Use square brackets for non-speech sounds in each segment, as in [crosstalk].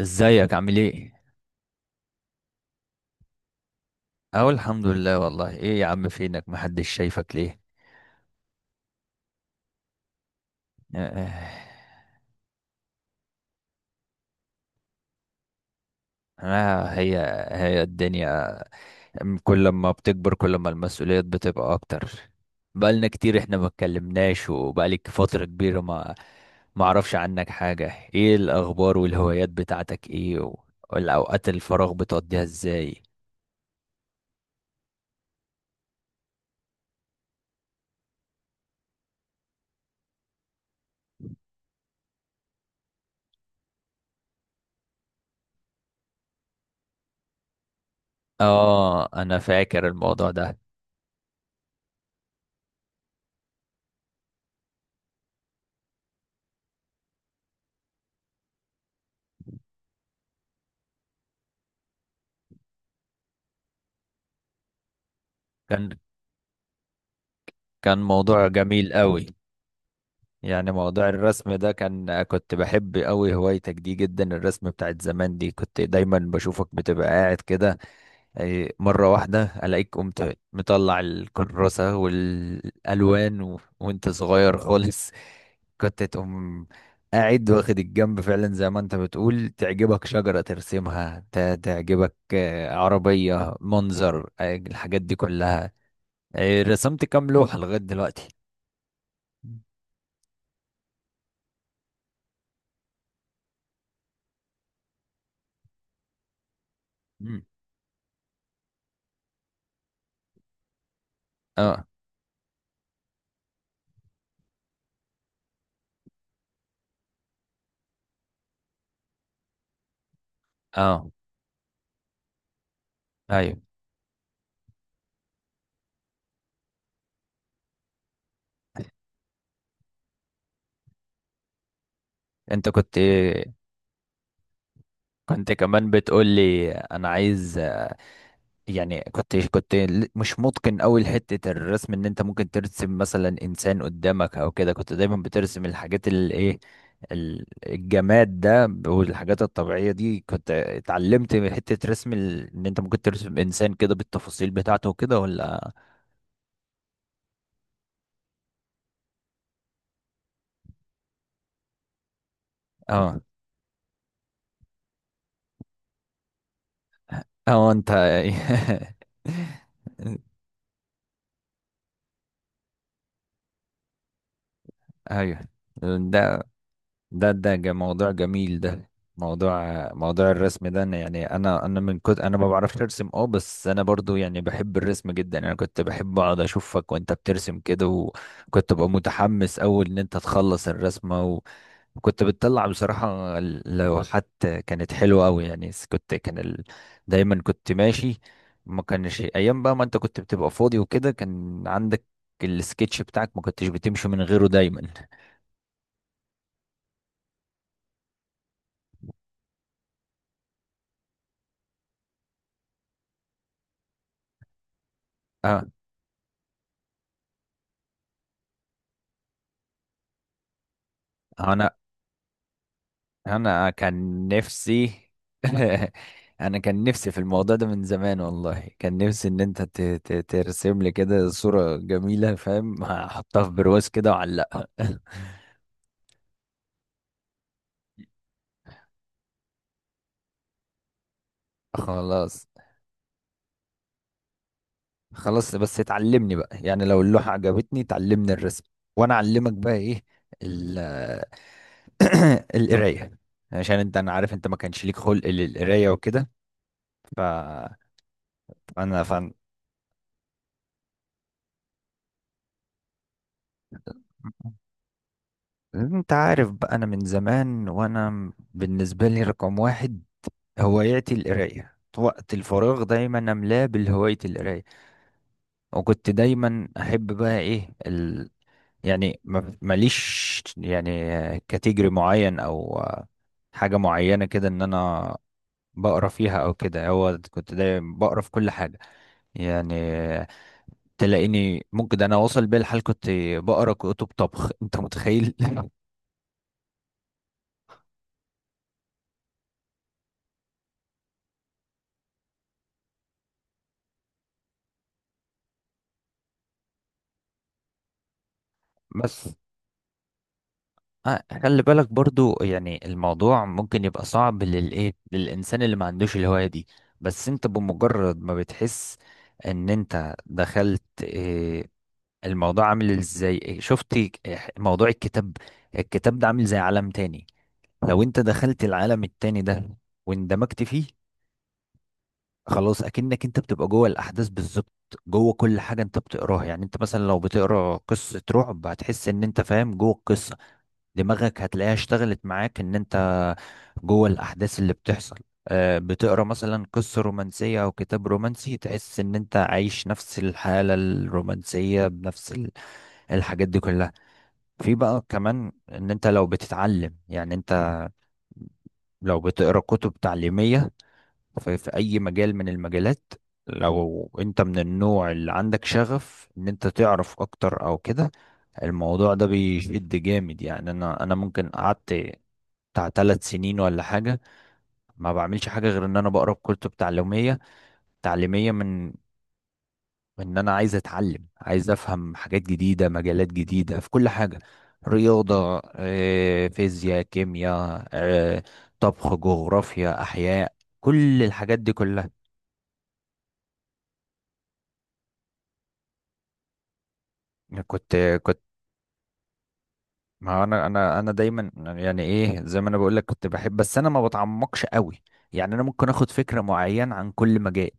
ازيك عامل ايه؟ اهو الحمد لله والله ايه يا عم فينك محدش شايفك ليه؟ آه، انا هي هي الدنيا. كل ما بتكبر كل ما المسؤوليات بتبقى اكتر. بقالنا كتير احنا ما اتكلمناش وبقالك فترة كبيرة ما اعرفش عنك حاجة. ايه الاخبار والهوايات بتاعتك ايه والاوقات الفراغ بتقضيها ازاي؟ اه انا فاكر الموضوع ده. كان كان موضوع جميل قوي. يعني موضوع الرسم ده كان كنت بحب قوي هوايتك دي جدا، الرسم بتاعت زمان دي كنت دايما بشوفك بتبقى قاعد كده. أي مرة واحدة ألاقيك قمت مطلع الكراسة والألوان وانت صغير خالص. [laughs] كنت تقوم قاعد واخد الجنب فعلا زي ما انت بتقول، تعجبك شجرة ترسمها، تعجبك عربية منظر، الحاجات دي كلها. رسمت كام لوحة لغاية دلوقتي؟ مم. اه اه ايوه. انت كنت كمان بتقول لي انا عايز يعني كنت مش متقن قوي لحتة الرسم، ان انت ممكن ترسم مثلا انسان قدامك او كده. كنت دايما بترسم الحاجات اللي ايه الجماد ده والحاجات الطبيعية دي. كنت اتعلمت حتة رسم ان انت ممكن ترسم انسان كده بالتفاصيل بتاعته وكده ولا؟ اه اه. انت. [laughs] ايوه. ده ده موضوع جميل ده. موضوع موضوع الرسم ده أنا يعني انا من كنت انا ما بعرفش ارسم، اه بس انا برضو يعني بحب الرسم جدا، يعني انا كنت بحب اقعد اشوفك وانت بترسم كده. وكنت ببقى متحمس اول ان انت تخلص الرسمة، وكنت بتطلع بصراحة اللوحات كانت حلوة قوي، يعني كنت كان دايما كنت ماشي، ما كانش ايام بقى ما انت كنت بتبقى فاضي وكده كان عندك السكتش بتاعك، ما كنتش بتمشي من غيره دايما. اه انا انا كان نفسي. [laughs] انا كان نفسي في الموضوع ده من زمان والله، كان نفسي ان انت ترسم لي كده صورة جميلة فاهم، احطها في برواز كده واعلقها. [laughs] خلاص خلاص بس اتعلمني بقى، يعني لو اللوحة عجبتني تعلمني الرسم، وانا اعلمك بقى ايه ال [clears throat] القراية. عشان انت، انا عارف انت ما كانش ليك خلق للقراية وكده. ف- فانا فن. انت عارف بقى، انا من زمان وانا بالنسبه لي رقم واحد هواياتي القرايه، وقت الفراغ دايما املاه بالهوايه القرايه. وكنت دايما احب بقى ايه يعني ماليش يعني كاتيجوري معين او حاجه معينه كده ان انا بقرا فيها او كده، هو كنت دايما بقرا في كل حاجه. يعني تلاقيني ممكن ده انا واصل بيا الحال كنت بقرا كتب طبخ، انت متخيل؟ [laughs] بس خلي بالك برضو، يعني الموضوع ممكن يبقى صعب للايه، للانسان اللي ما عندوش الهواية دي. بس انت بمجرد ما بتحس ان انت دخلت إيه، الموضوع عامل ازاي، إيه، شفت إيه، موضوع الكتاب. الكتاب ده عامل زي عالم تاني، لو انت دخلت العالم التاني ده واندمجت فيه، خلاص اكنك انت بتبقى جوه الاحداث بالظبط، جوه كل حاجة انت بتقراها. يعني انت مثلا لو بتقرا قصة رعب هتحس ان انت فاهم جوه القصة، دماغك هتلاقيها اشتغلت معاك ان انت جوه الاحداث اللي بتحصل. بتقرا مثلا قصه رومانسيه او كتاب رومانسي تحس ان انت عايش نفس الحاله الرومانسيه بنفس الحاجات دي كلها. في بقى كمان ان انت لو بتتعلم، يعني انت لو بتقرا كتب تعليميه في في اي مجال من المجالات، لو انت من النوع اللي عندك شغف ان انت تعرف اكتر او كده، الموضوع ده بيشد جامد. يعني انا ممكن قعدت بتاع ثلاث سنين ولا حاجة ما بعملش حاجة غير ان انا بقرا كتب تعليمية من ان انا عايز اتعلم، عايز افهم حاجات جديدة مجالات جديدة في كل حاجة. رياضة، فيزياء، كيمياء، طبخ، جغرافيا، احياء، كل الحاجات دي كلها. كنت كنت ما هو انا دايما، يعني ايه، زي ما انا بقول لك كنت بحب، بس انا ما بتعمقش قوي. يعني انا ممكن اخد فكره معينه عن كل مجال،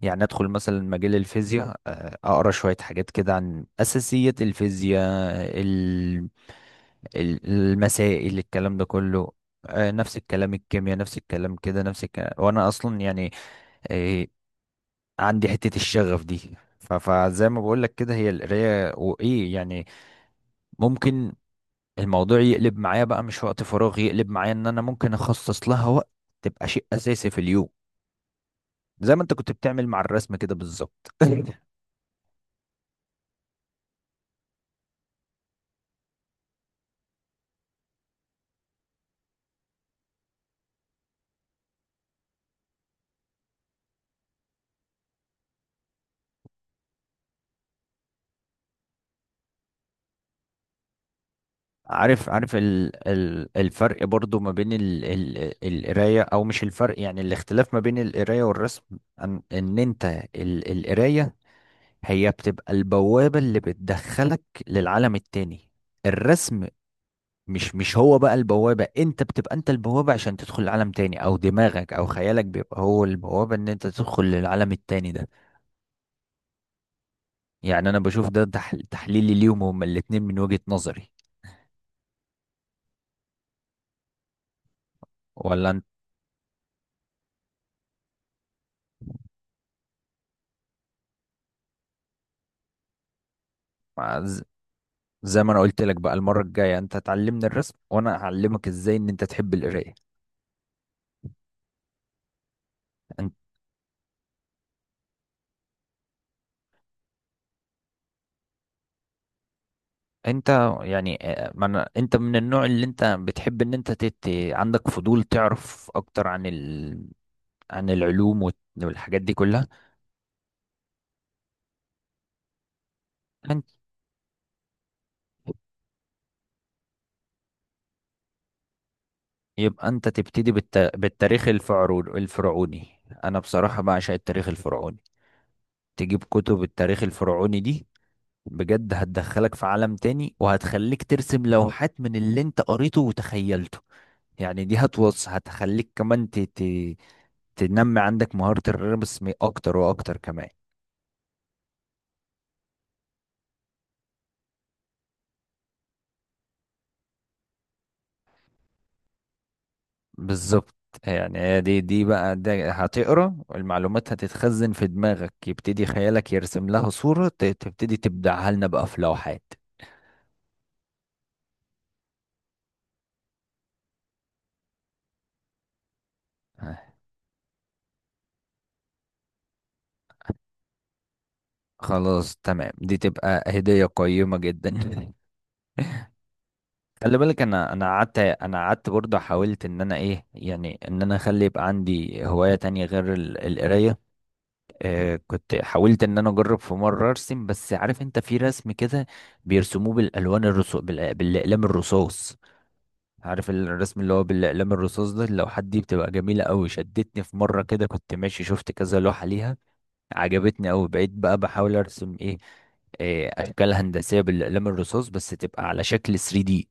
يعني ادخل مثلا مجال الفيزياء اقرا شويه حاجات كده عن اساسيات الفيزياء، ال- المسائل، الكلام ده كله. نفس الكلام الكيمياء، نفس الكلام كده، نفس الكلام. وانا اصلا يعني آه، عندي حته الشغف دي، فزي ما بقول لك كده، هي القرايه وايه يعني، ممكن الموضوع يقلب معايا بقى مش وقت فراغ، يقلب معايا ان انا ممكن اخصص لها وقت، تبقى شيء اساسي في اليوم زي ما انت كنت بتعمل مع الرسم كده بالظبط. [laughs] عارف عارف ال الفرق برضو ما بين ال القراية، او مش الفرق، يعني الاختلاف ما بين القراية والرسم، ان, ان انت القراية هي بتبقى البوابة اللي بتدخلك للعالم التاني. الرسم مش هو بقى البوابة، انت بتبقى انت البوابة عشان تدخل العالم تاني، او دماغك او خيالك بيبقى هو البوابة ان انت تدخل للعالم التاني ده. يعني انا بشوف ده تحليلي ليهم هما الاتنين من وجهة نظري، ولا انت؟ ز- زي ما انا قلت لك بقى، المرة الجاية انت تعلمني الرسم وانا اعلمك ازاي ان انت تحب القراية. انت انت يعني ما أنا انت من النوع اللي انت بتحب ان انت عندك فضول تعرف اكتر عن عن العلوم والحاجات دي كلها. يبقى انت تبتدي بالتاريخ الفرعوني. انا بصراحة بعشق التاريخ الفرعوني، تجيب كتب التاريخ الفرعوني دي بجد هتدخلك في عالم تاني، وهتخليك ترسم لوحات من اللي انت قريته وتخيلته. يعني دي هتخليك كمان تنمي عندك مهارة الرسم اكتر واكتر كمان. بالظبط. يعني هي دي بقى ده هتقرا المعلومات هتتخزن في دماغك، يبتدي خيالك يرسم لها صورة، تبتدي تبدعها لنا بقى في لوحات. خلاص تمام دي تبقى هدية قيمة جدا. [laughs] خلي بالك، انا قعدت قعدت برضه، حاولت ان انا ايه يعني، ان انا اخلي يبقى عندي هواية تانية غير القراية. آه كنت حاولت ان انا اجرب في مرة ارسم، بس عارف انت في رسم كده بيرسموه بالالوان الرصاص، بالاقلام الرصاص. عارف الرسم اللي هو بالاقلام الرصاص ده اللوحات دي بتبقى جميلة قوي. شدتني في مرة كده كنت ماشي شفت كذا لوحة ليها عجبتني أوي. بقيت بقى بحاول أرسم إيه، اشكال هندسيه بالاقلام الرصاص بس تبقى على شكل 3D،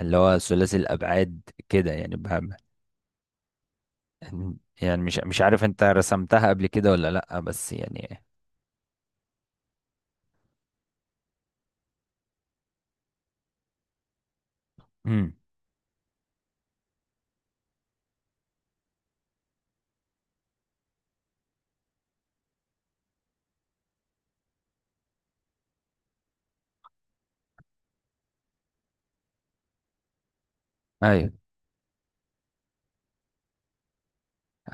اللي هو ثلاثي الابعاد كده يعني بقى. يعني مش عارف انت رسمتها قبل كده ولا لا، بس يعني. امم. ايوه،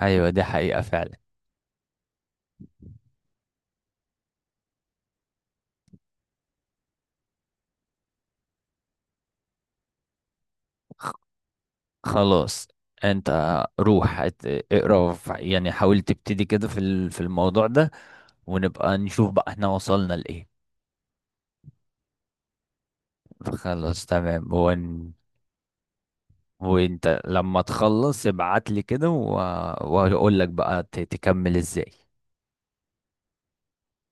ايوه دي حقيقة فعلا. خلاص انت روح اقرا يعني حاول تبتدي كده في في الموضوع ده، ونبقى نشوف بقى احنا وصلنا لايه. خلاص تمام. هو وانت لما تخلص ابعت لي كده واقول لك بقى تكمل ازاي.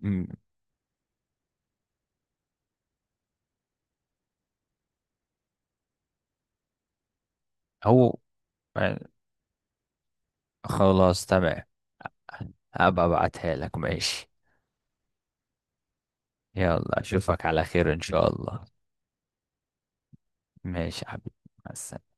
امم هو خلاص تمام، هبقى ابعتها لك ماشي. يلا اشوفك على خير ان شاء الله. ماشي يا حبيبي، مع السلامة.